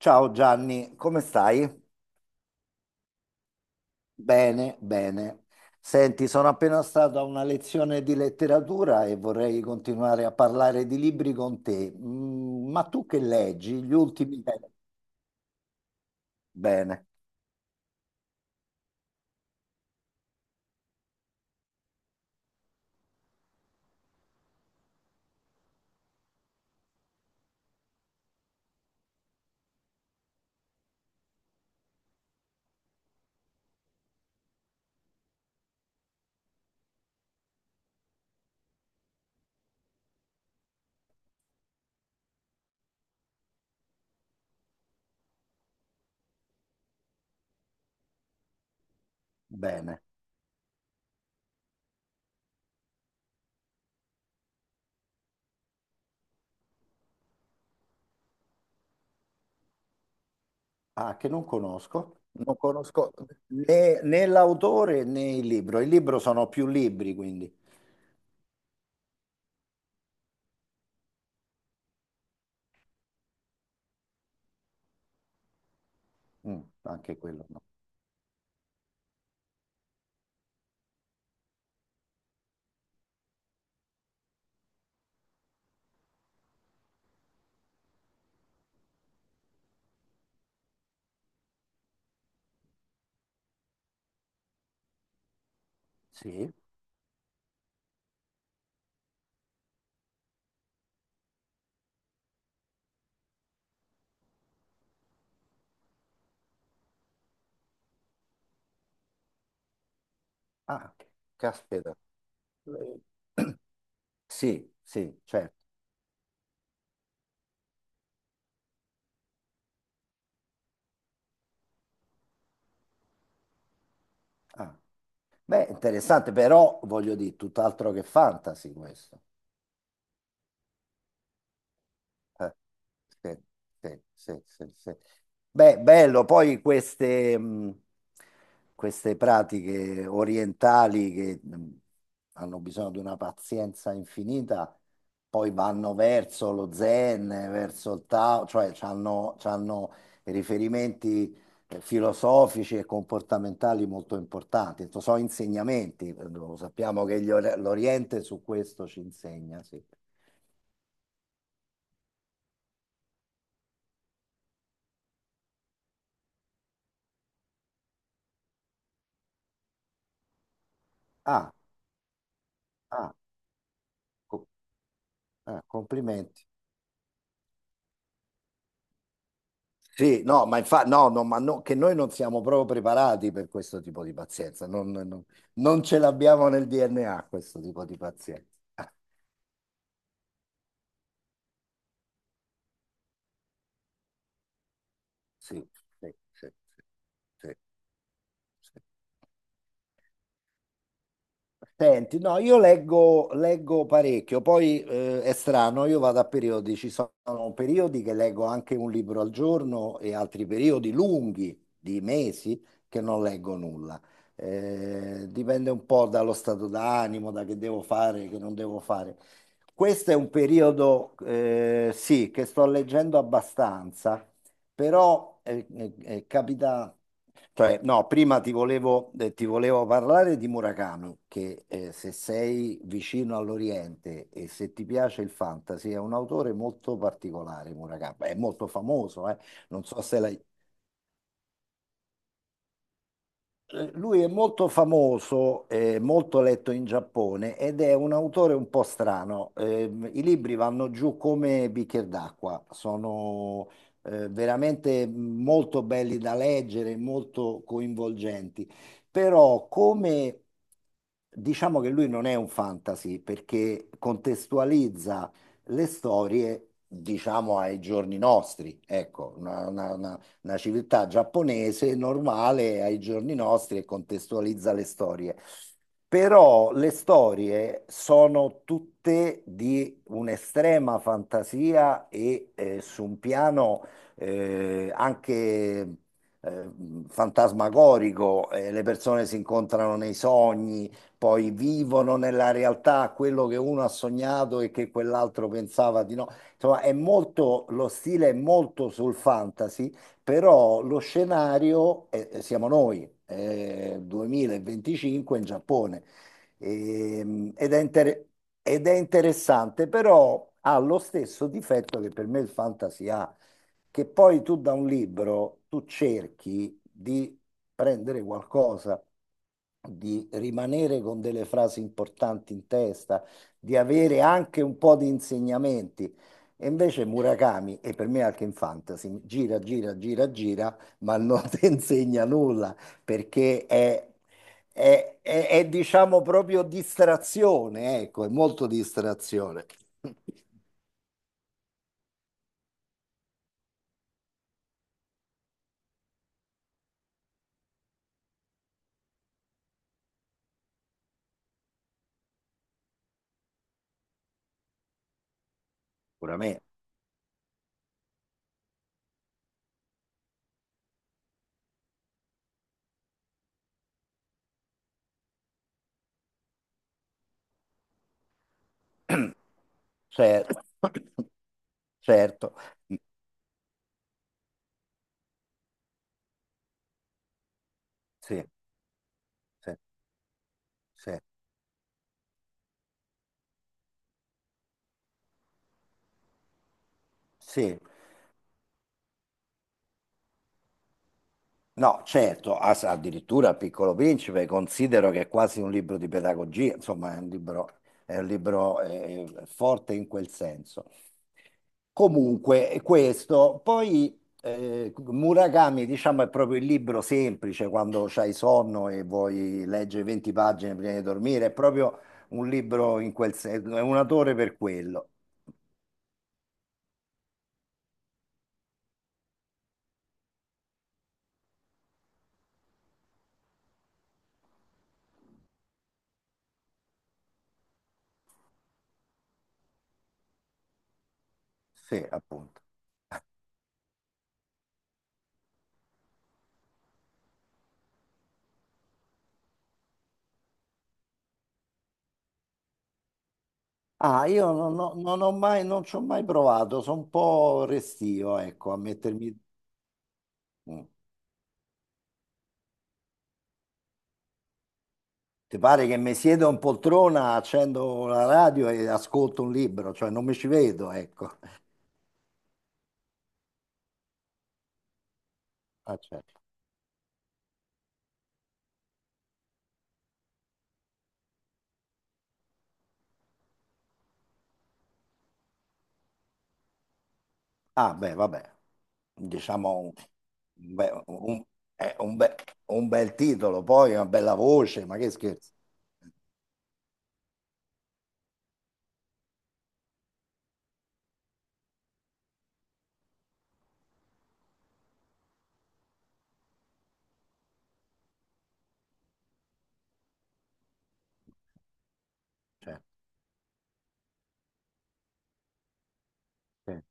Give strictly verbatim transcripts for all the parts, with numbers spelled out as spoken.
Ciao Gianni, come stai? Bene, bene. Senti, sono appena stato a una lezione di letteratura e vorrei continuare a parlare di libri con te. Mm, ma tu che leggi gli ultimi tempi? Bene, bene. Ah, che non conosco. Non conosco né, né l'autore né il libro. Il libro sono più libri, quindi. Mm, anche quello no. Sì. Ah, caspita. Eh, Sì, sì, certo. Ah. Beh, interessante, però voglio dire, tutt'altro che fantasy questo. Eh, sì, sì, sì, sì, sì. Beh, bello, poi queste, mh, queste pratiche orientali che mh, hanno bisogno di una pazienza infinita, poi vanno verso lo zen, verso il Tao, cioè hanno riferimenti eh, filosofici e comportamentali molto importanti. To- sono insegnamenti, eh, lo sappiamo che gli or- l'Oriente su questo ci insegna, sì. Ah, ah. co- Eh, complimenti. Sì, no, ma infatti, no, no, ma no, che noi non siamo proprio preparati per questo tipo di pazienza, non, non- non ce l'abbiamo nel D N A questo tipo di pazienza. Ah, sì, sì, sì, sì, sì, sì. Senti, no, io leggo, leggo parecchio, poi eh, è strano, io vado a periodi, ci sono periodi che leggo anche un libro al giorno e altri periodi lunghi, di mesi, che non leggo nulla. Eh, dipende un po' dallo stato d'animo, da che devo fare, che non devo fare. Questo è un periodo, eh, sì, che sto leggendo abbastanza, però eh, eh, eh, capita, cioè, no, prima ti volevo, eh, ti volevo parlare di Murakami, che eh, se sei vicino all'Oriente e se ti piace il fantasy, è un autore molto particolare, Murakami, è molto famoso, eh. Non so se l'hai. Eh, Lui è molto famoso, eh, molto letto in Giappone ed è un autore un po' strano. Ehm, i libri vanno giù come bicchier d'acqua, sono eh, veramente molto belli da leggere, molto coinvolgenti. Però come diciamo che lui non è un fantasy perché contestualizza le storie, diciamo, ai giorni nostri, ecco, una civiltà giapponese normale ai giorni nostri e contestualizza le storie. Però le storie sono tutte di un'estrema fantasia e eh, su un piano eh, anche eh, fantasmagorico, eh, le persone si incontrano nei sogni, poi vivono nella realtà quello che uno ha sognato e che quell'altro pensava di no. Insomma, è molto, lo stile è molto sul fantasy, però lo scenario è- siamo noi, è duemilaventicinque in Giappone. Ehm, ed è, inter- ed è interessante, però ha lo stesso difetto che per me il fantasy ha, che poi tu da un libro tu cerchi di prendere qualcosa, di rimanere con delle frasi importanti in testa, di avere anche un po' di insegnamenti. E invece Murakami, e per me anche in fantasy, gira, gira, gira, gira, ma non ti insegna nulla perché è, è- è- è, diciamo proprio distrazione, ecco, è molto distrazione. Sicuramente, certo, certo, sì, sì, sì, sì. No, certo, as- addirittura il Piccolo Principe considero che è quasi un libro di pedagogia, insomma, è un libro, è un libro eh, forte in quel senso. Comunque, questo, poi eh, Murakami, diciamo, è proprio il libro semplice quando c'hai sonno e vuoi leggere venti pagine prima di dormire, è proprio un libro in quel senso, è un autore per quello. Sì, appunto. Ah, io non ho, non ho mai, non ci ho mai provato, sono un po' restio, ecco, a mettermi. Mm. Ti pare che mi siedo in poltrona, accendo la radio e ascolto un libro, cioè non mi ci vedo, ecco. Ah, certo. Ah, beh, vabbè, diciamo un, un be- un- eh, un be- un bel titolo, poi una bella voce, ma che scherzo. Cioè, sì.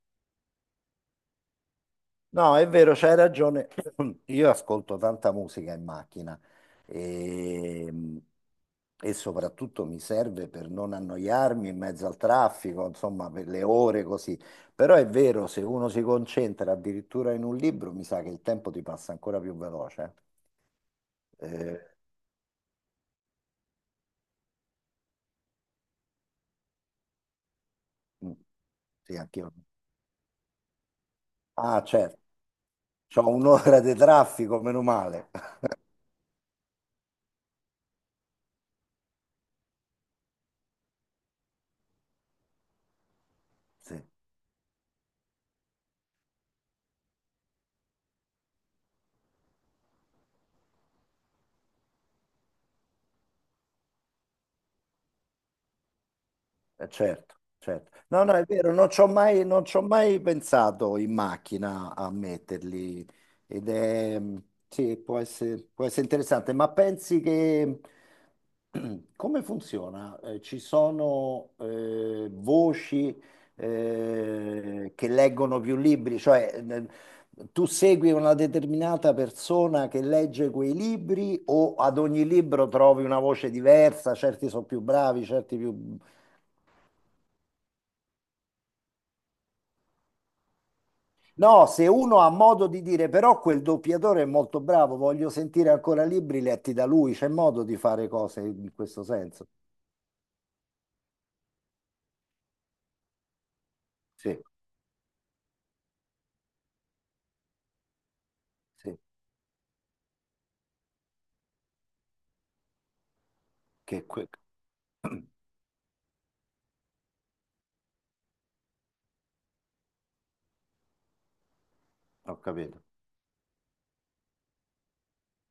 No, è vero, c'hai ragione. Io ascolto tanta musica in macchina e, e soprattutto mi serve per non annoiarmi in mezzo al traffico, insomma, per le ore così. Però è vero, se uno si concentra addirittura in un libro, mi sa che il tempo ti passa ancora più veloce. Eh, Eh, mm, sì, anch'io. Ah, certo, c'ho un'ora di traffico, meno male. Sì. Eh, certo, certo. No, no, è vero, non ci ho mai, non ci ho mai pensato in macchina a metterli ed è, sì, può essere, può essere interessante, ma pensi che, come funziona? Eh, ci sono eh, voci eh, che leggono più libri, cioè nel- tu segui una determinata persona che legge quei libri o ad ogni libro trovi una voce diversa, certi sono più bravi, certi più. No, se uno ha modo di dire però quel doppiatore è molto bravo, voglio sentire ancora libri letti da lui, c'è modo di fare cose in questo senso. Sì, sì, che que- ho capito.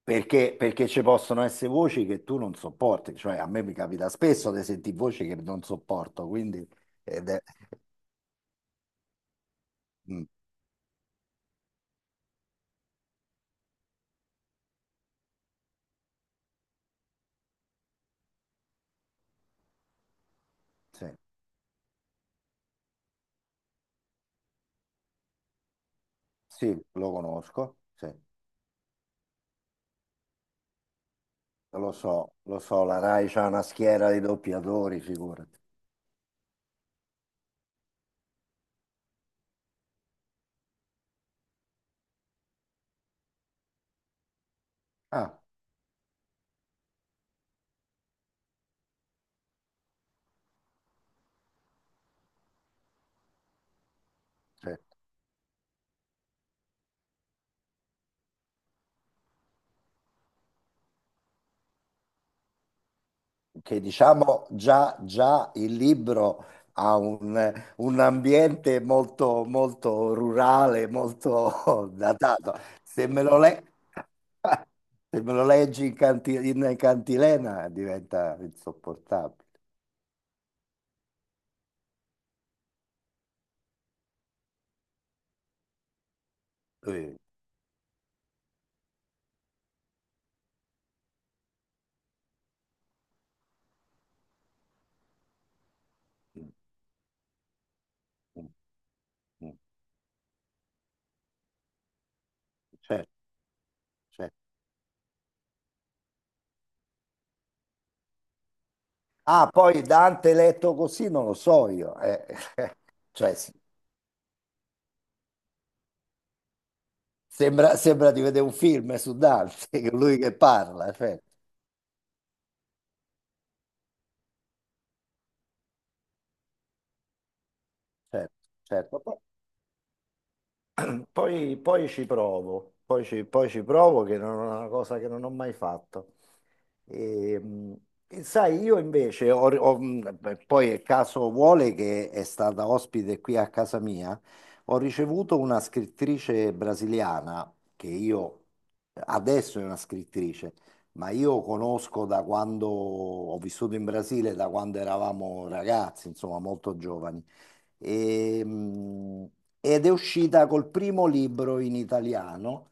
Perché, perché ci possono essere voci che tu non sopporti, cioè a me mi capita spesso di sentire voci che non sopporto, quindi ed è- mm, sì, sì, lo conosco, sì, lo so, lo so, la Rai c'ha una schiera di doppiatori, figurati. Ah, sì. Che diciamo già, già il libro ha un, un ambiente molto, molto rurale, molto datato. Se me lo, le- Se me lo leggi in, canti- in cantilena diventa insopportabile. Eh, mm, mm, mm, certo, certo. Ah, poi Dante letto così non lo so io. eh. Cioè, s- sembra, sembra di vedere un film eh, su Dante, che lui che parla, certo, certo, certo. Poi, poi ci provo, poi ci, poi ci provo che non è una cosa che non ho mai fatto. E, mh, e sai, io invece, ho- ho- mh, beh, poi il caso vuole che è stata ospite qui a casa mia, ho ricevuto una scrittrice brasiliana che io adesso è una scrittrice, ma io conosco da quando ho vissuto in Brasile, da quando eravamo ragazzi, insomma, molto giovani. E, mh, ed è uscita col primo libro in italiano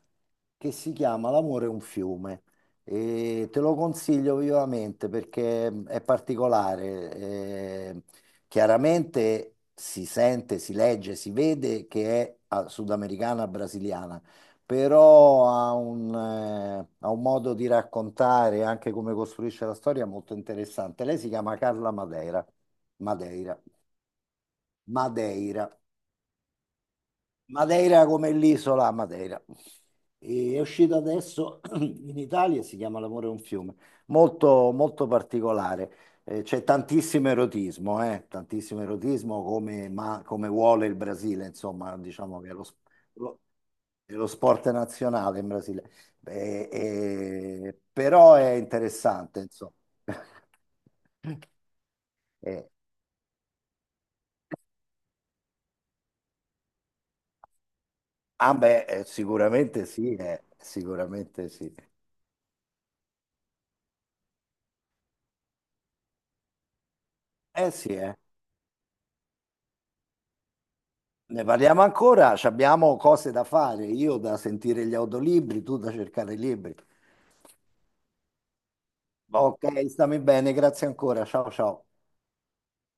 che si chiama L'amore è un fiume. E te lo consiglio vivamente perché è particolare. eh, chiaramente si sente, si legge, si vede che è ah, sudamericana brasiliana, però ha un, eh, ha un modo di raccontare anche come costruisce la storia molto interessante. Lei si chiama Carla Madeira. Madeira. Madeira. Madeira come l'isola Madeira. E è uscito adesso in Italia, si chiama L'amore è un fiume, molto, molto particolare. Eh, c'è tantissimo erotismo, eh, tantissimo erotismo come, ma, come vuole il Brasile, insomma, diciamo che è lo, sp- lo- è lo sport nazionale in Brasile. Eh, eh, però è interessante, insomma. Eh, ah beh, eh, sicuramente sì, eh, sicuramente sì. Eh sì, eh. Ne parliamo ancora, ci abbiamo cose da fare, io da sentire gli audiolibri, tu da cercare i libri. Va- Ok, stammi bene, grazie ancora, ciao ciao.